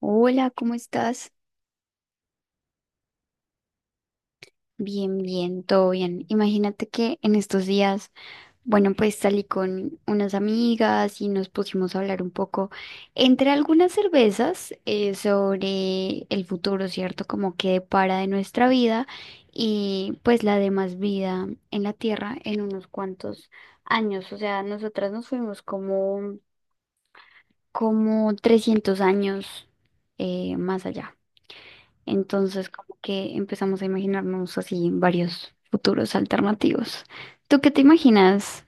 Hola, ¿cómo estás? Bien, bien, todo bien. Imagínate que en estos días, bueno, pues salí con unas amigas y nos pusimos a hablar un poco entre algunas cervezas sobre el futuro, ¿cierto? Como que depara de nuestra vida y pues la demás vida en la Tierra en unos cuantos años. O sea, nosotras nos fuimos como 300 años más allá. Entonces, como que empezamos a imaginarnos así varios futuros alternativos. ¿Tú qué te imaginas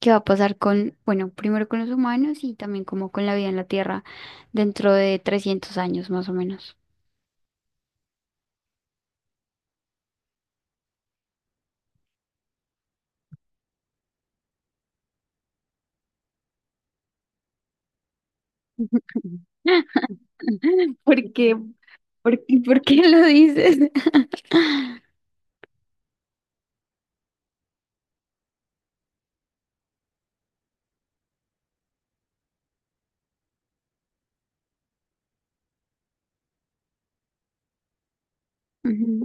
que va a pasar con, bueno, primero con los humanos y también como con la vida en la Tierra dentro de 300 años más o menos? ¿Por qué? ¿Por qué lo dices? Ujú.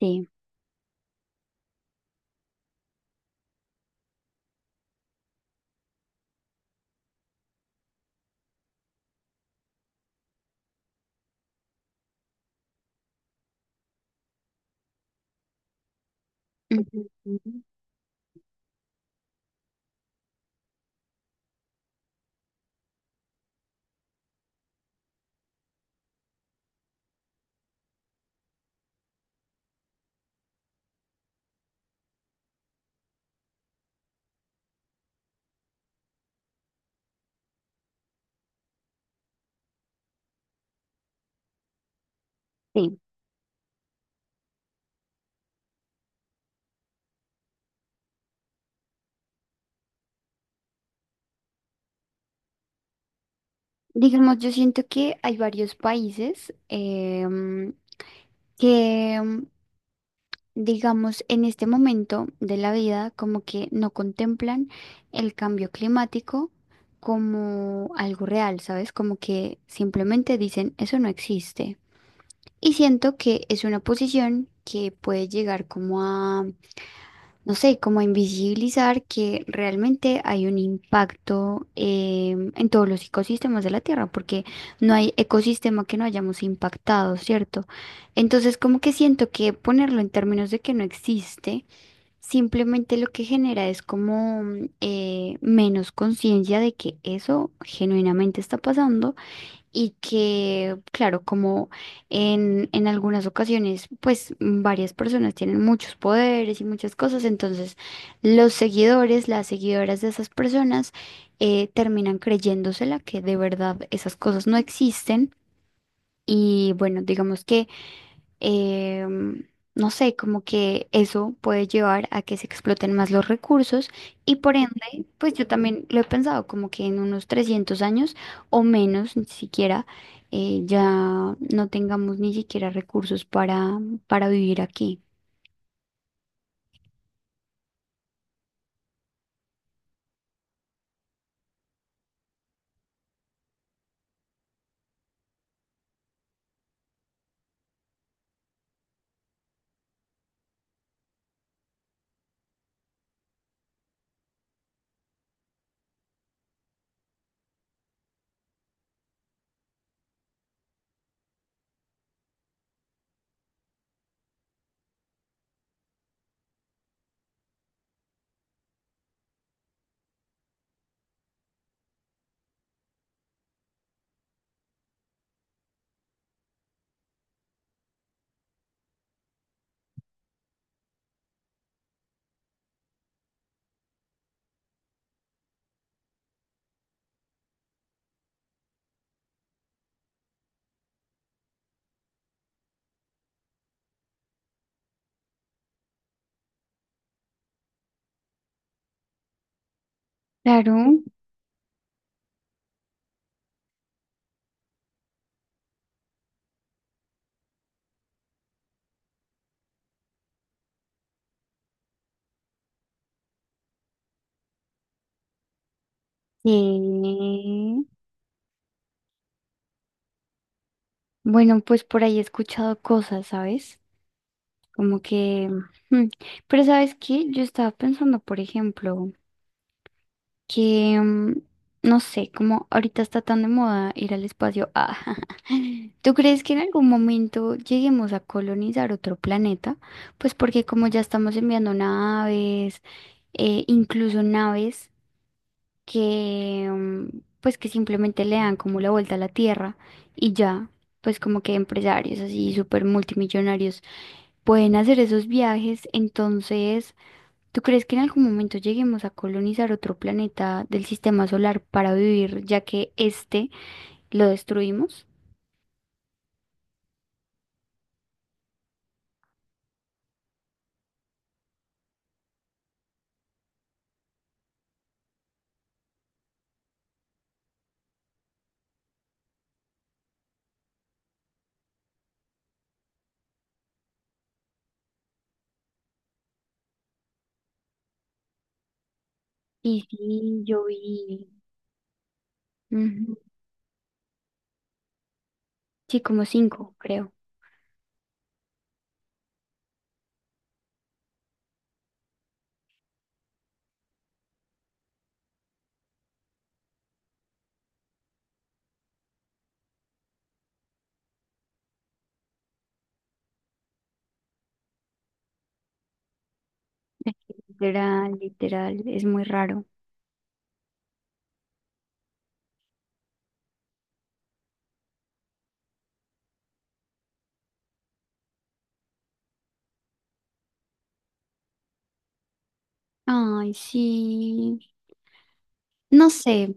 Sí. Ujú, ujú. Sí. Digamos, yo siento que hay varios países que digamos, en este momento de la vida, como que no contemplan el cambio climático como algo real, ¿sabes? Como que simplemente dicen, eso no existe. Y siento que es una posición que puede llegar como a, no sé, como a invisibilizar que realmente hay un impacto en todos los ecosistemas de la Tierra, porque no hay ecosistema que no hayamos impactado, ¿cierto? Entonces, como que siento que ponerlo en términos de que no existe, simplemente lo que genera es como menos conciencia de que eso genuinamente está pasando y que, claro, como en algunas ocasiones, pues varias personas tienen muchos poderes y muchas cosas, entonces los seguidores, las seguidoras de esas personas terminan creyéndosela que de verdad esas cosas no existen. Y bueno, digamos que em, no sé, como que eso puede llevar a que se exploten más los recursos y por ende, pues yo también lo he pensado, como que en unos 300 años o menos, ni siquiera, ya no tengamos ni siquiera recursos para, vivir aquí. Claro. Que. Bueno, pues por ahí he escuchado cosas, ¿sabes? Como que... mm, Pero ¿sabes qué? Yo estaba pensando, por ejemplo, que, no sé, como ahorita está tan de moda ir al espacio. Ah, ¿tú crees que en algún momento lleguemos a colonizar otro planeta? Pues porque como ya estamos enviando naves, incluso naves que, pues que simplemente le dan como la vuelta a la Tierra y ya. Pues como que empresarios así súper multimillonarios pueden hacer esos viajes, entonces ¿tú crees que en algún momento lleguemos a colonizar otro planeta del sistema solar para vivir, ya que este lo destruimos? Y sí, yo vi. Ujú. Sí, como cinco, creo. Es que literal, literal, es muy raro. Ay, sí, no sé.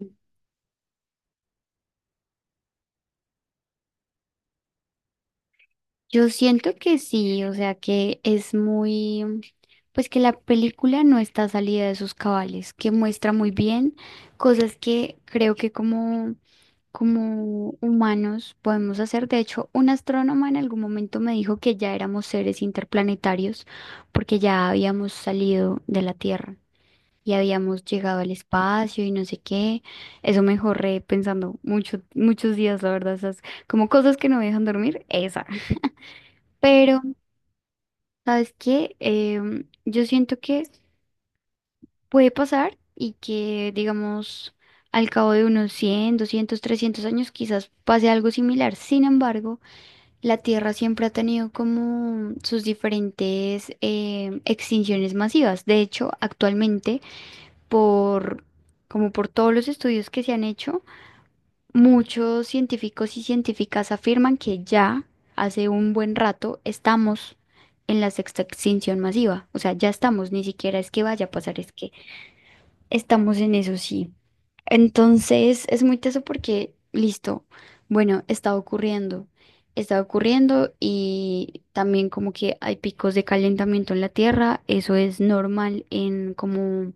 Yo siento que sí, o sea que es muy, pues que la película no está salida de sus cabales, que muestra muy bien cosas que creo que como, humanos podemos hacer. De hecho, un astrónoma en algún momento me dijo que ya éramos seres interplanetarios porque ya habíamos salido de la Tierra y habíamos llegado al espacio y no sé qué. Eso me jorré pensando mucho, muchos días, la verdad, esas como cosas que no me dejan dormir, esa. Pero ¿sabes qué? Yo siento que puede pasar y que, digamos, al cabo de unos 100, 200, 300 años quizás pase algo similar. Sin embargo, la Tierra siempre ha tenido como sus diferentes extinciones masivas. De hecho, actualmente, por, como por todos los estudios que se han hecho, muchos científicos y científicas afirman que ya hace un buen rato estamos en la sexta extinción masiva. O sea, ya estamos, ni siquiera es que vaya a pasar, es que estamos en eso sí. Entonces es muy teso porque, listo, bueno, está ocurriendo y también como que hay picos de calentamiento en la Tierra, eso es normal en como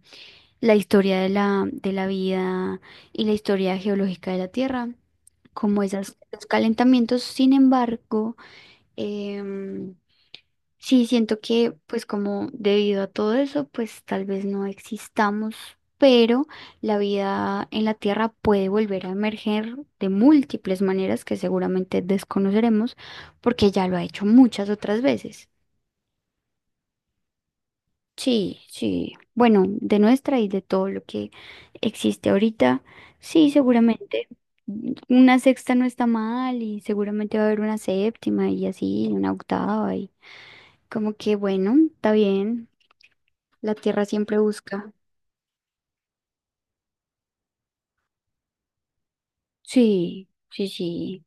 la historia de la vida y la historia geológica de la Tierra, como esas, los calentamientos. Sin embargo, em, sí siento que, pues como debido a todo eso, pues tal vez no existamos, pero la vida en la Tierra puede volver a emerger de múltiples maneras que seguramente desconoceremos porque ya lo ha hecho muchas otras veces. Sí, sí. Bueno, de nuestra y de todo lo que existe ahorita, sí, seguramente. Una sexta no está mal y seguramente va a haber una séptima y así, una octava y como que bueno, está bien. La Tierra siempre busca. Sí, sí, sí.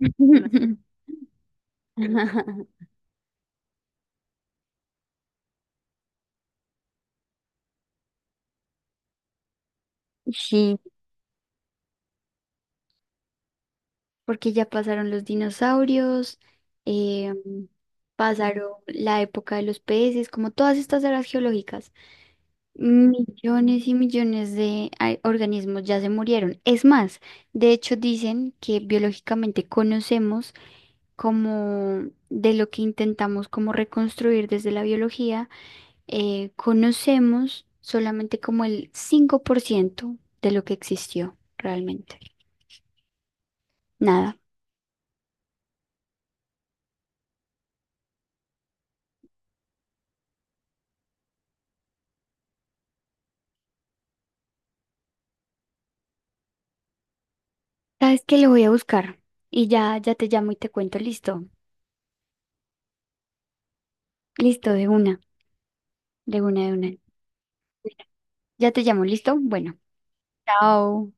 Sí, porque ya pasaron los dinosaurios, eh, pasaron la época de los peces, como todas estas eras geológicas. Millones y millones de organismos ya se murieron. Es más, de hecho dicen que biológicamente conocemos como de lo que intentamos como reconstruir desde la biología, conocemos solamente como el 5% de lo que existió realmente. Nada. ¿Sabes que lo voy a buscar y ya, ya te llamo y te cuento? Listo. Listo, de una, de una, de una. Ya te llamo, ¿listo? Bueno. Chao.